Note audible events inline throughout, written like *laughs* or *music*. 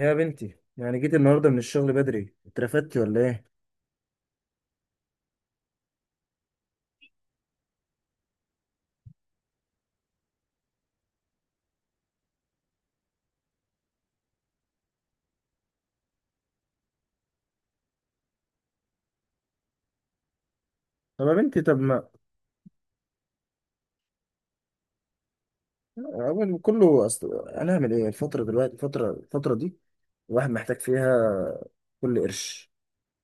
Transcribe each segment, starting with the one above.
يا بنتي، يعني جيت النهارده من الشغل بدري، اترفدتي ولا ايه؟ طب يا بنتي، طب ما اول كله، اصل هنعمل ايه الفتره دلوقتي؟ الفتره دي الواحد محتاج فيها كل قرش،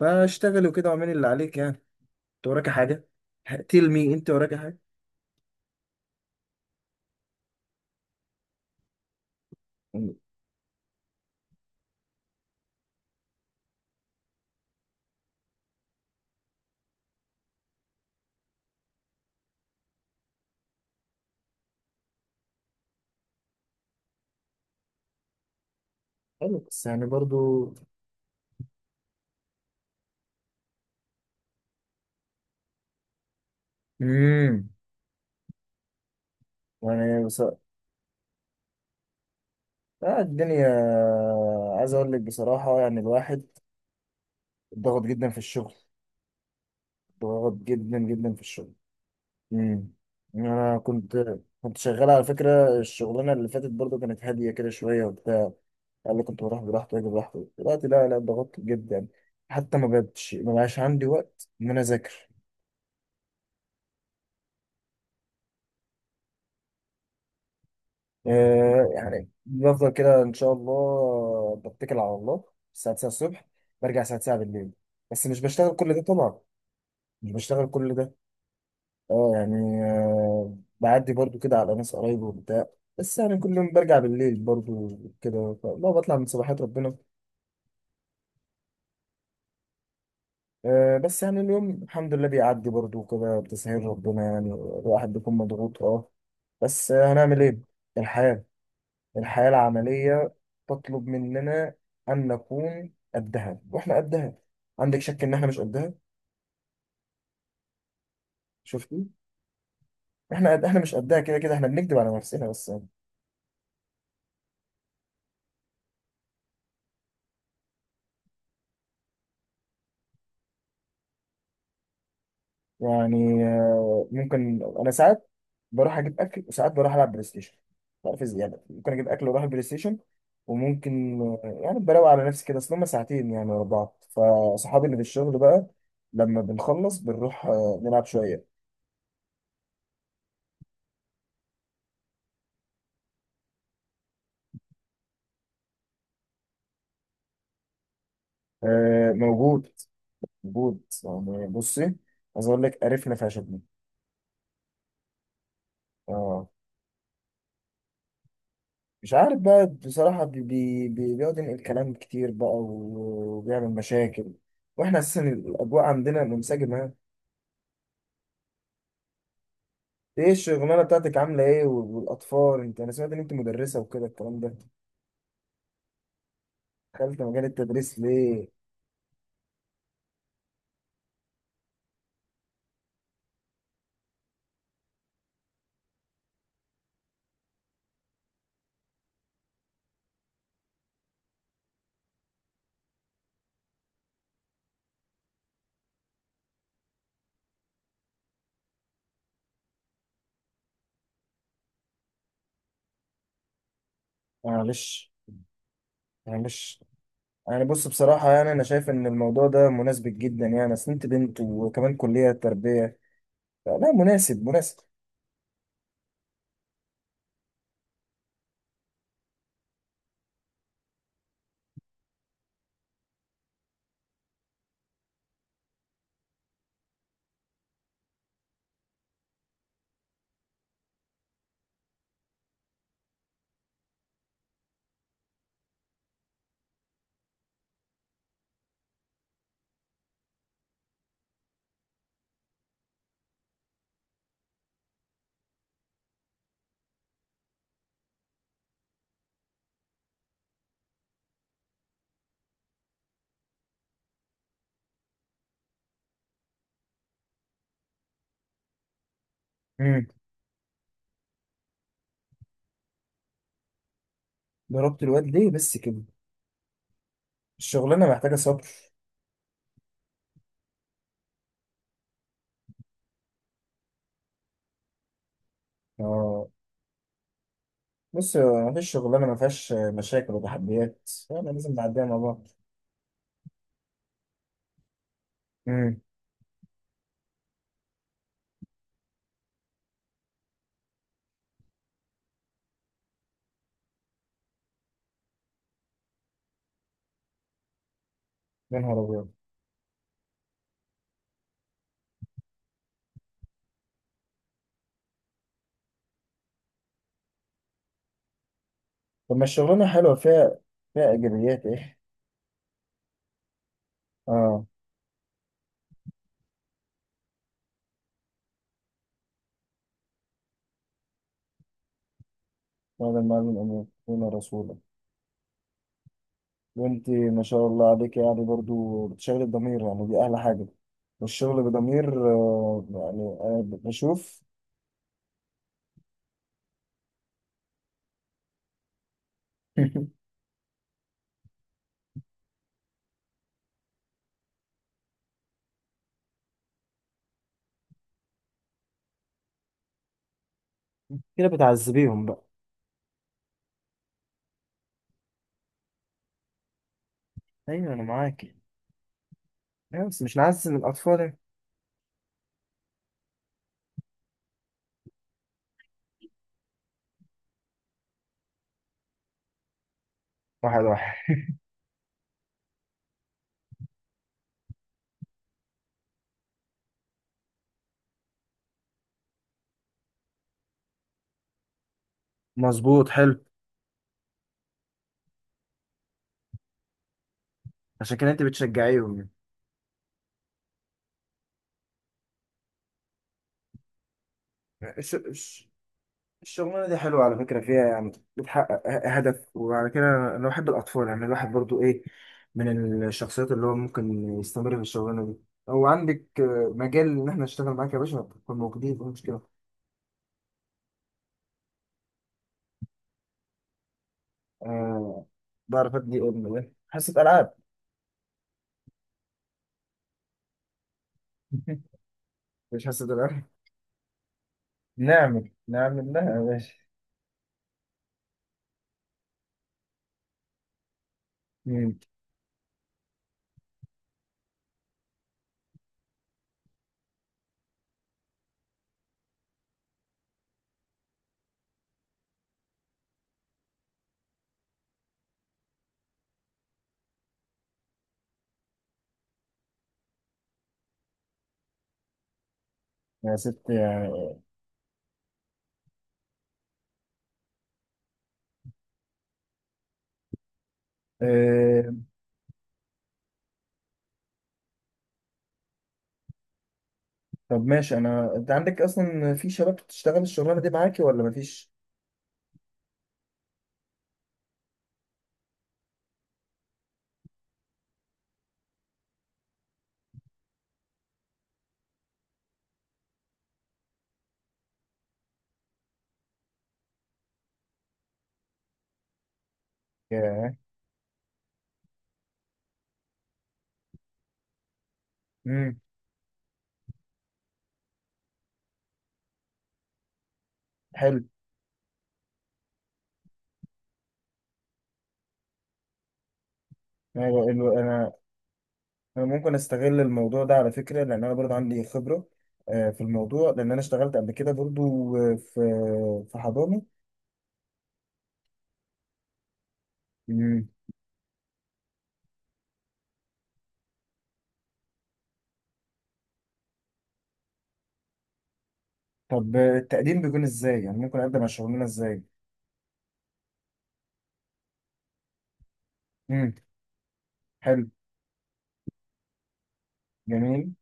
فاشتغلي وكده واعملي اللي عليك يعني. انت وراكي حاجه؟ تيل مي، انت وراكي حاجه؟ يعني حلو بس يعني برضو. امم يعني بس، آه الدنيا. عايز اقول لك بصراحه، يعني الواحد ضغط جدا في الشغل، ضغط جدا جدا في الشغل. امم انا كنت، كنت شغال على فكره. الشغلانه اللي فاتت برضو كانت هاديه كده شويه وبتاع، قال لي كنت بروح براحتي واجي براحتي. دلوقتي لا لا، ضغطت جدا يعني. حتى ما بقتش، ما بقاش عندي وقت ان انا اذاكر. آه يعني بفضل كده ان شاء الله، بتكل على الله. الساعه 9 الصبح، برجع الساعه 9 بالليل، بس مش بشتغل كل ده طبعا، مش بشتغل كل ده. اه يعني آه، بعدي برضو كده على ناس قرايبي وبتاع، بس يعني كل يوم برجع بالليل برضو كده، لا بطلع من صباحات ربنا. بس يعني اليوم الحمد لله بيعدي برضو كده بتسهيل ربنا، يعني الواحد بيكون مضغوط اه. بس هنعمل ايه؟ الحياة، الحياة العملية تطلب مننا أن نكون قدها، واحنا قدها. عندك شك إن احنا مش قدها؟ شفتي، احنا قد، احنا مش قدها، كده كده احنا بنكذب على نفسنا بس. يعني ممكن انا ساعات بروح اجيب اكل، وساعات بروح العب بلاي ستيشن. مش عارف ازاي، يعني ممكن اجيب اكل واروح البلاي ستيشن. وممكن يعني بروق على نفسي كده، اصل هما ساعتين يعني ورا بعض. فصحابي اللي في الشغل بقى لما بنخلص بنروح نلعب شويه. آه، موجود، موجود. يعني بصي، عايز اقول لك قرفنا فشخنا. اه، مش عارف بقى بصراحه، بيقعد ينقل كلام كتير بقى، وبيعمل مشاكل، واحنا اساسا الاجواء عندنا منسجمه. ايه الشغلانه بتاعتك؟ عامله ايه والاطفال؟ انت، انا سمعت ان انت مدرسه وكده الكلام ده. دخلت مجال التدريس ليه؟ معلش، معلش. يعني بص بصراحه، يعني انا شايف ان الموضوع ده مناسب جدا، يعني اصل انت بنت وكمان كليه تربيه. لا مناسب، مناسب. امم. ضربت الواد ليه بس كده؟ الشغلانه محتاجه صبر. اه. بص، مفيش شغلانه ما فيهاش مشاكل وتحديات، يعني لازم نعديها مع بعض. امم. يا نهار ابيض. طب ما الشغلانه حلوه، فيها، فيها ايجابيات ايه؟ اه. وهذا المعلم أمين دون رسولا. وأنت ما شاء الله عليك، يعني برضو بتشغل الضمير، يعني دي أحلى حاجة. والشغل بضمير، آه، يعني أنا بشوف. *laughs* كده بتعذبيهم بقى؟ أيوة أنا معاك، أيوة بس مش نعذب الأطفال يعني. واحد واحد. مظبوط، حلو. عشان كده أنت بتشجعيهم يعني. ش- ش... الشغلانة دي حلوة على فكرة، فيها يعني بتحقق هدف، وعلى كده أنا بحب الأطفال. يعني الواحد برضو إيه، من الشخصيات اللي هو ممكن يستمر في الشغلانة دي. أو عندك مجال إن إحنا نشتغل معاك يا باشا، نكون موجودين مفيش مشكلة. آه، بعرف أدي أم إيه، حصة ألعاب. *laughs* مش حاسس بالأمل. نعمل، نعمل لها يا باشا. مم. يا ست يعني. آه، طب ماشي. أنا أنت عندك أصلا في شباب بتشتغل الشغلانة دي معاكي ولا مفيش؟ ياه. مم. حلو. انا بقول له، انا انا ممكن استغل الموضوع ده على فكره، لان انا برضه عندي خبره في الموضوع، لان انا اشتغلت قبل كده برضه في في حضانه. مم. طب التقديم بيكون ازاي؟ يعني ممكن اقدم على الشغلانه ازاي؟ امم. حلو، جميل.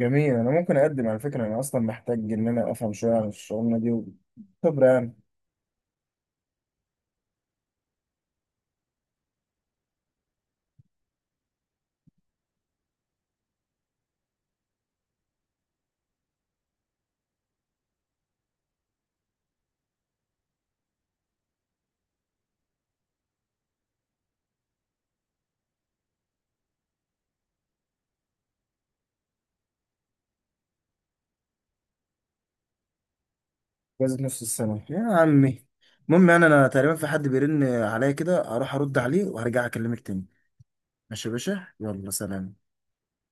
جميل، انا ممكن اقدم على فكره. انا اصلا محتاج ان انا افهم شويه عن الشغلانه دي، خبره يعني. جوازة نص السنه يا عمي. المهم يعني انا تقريبا في حد بيرن عليا كده، هروح ارد عليه وهرجع اكلمك تاني. ماشي يا باشا، يلا سلام.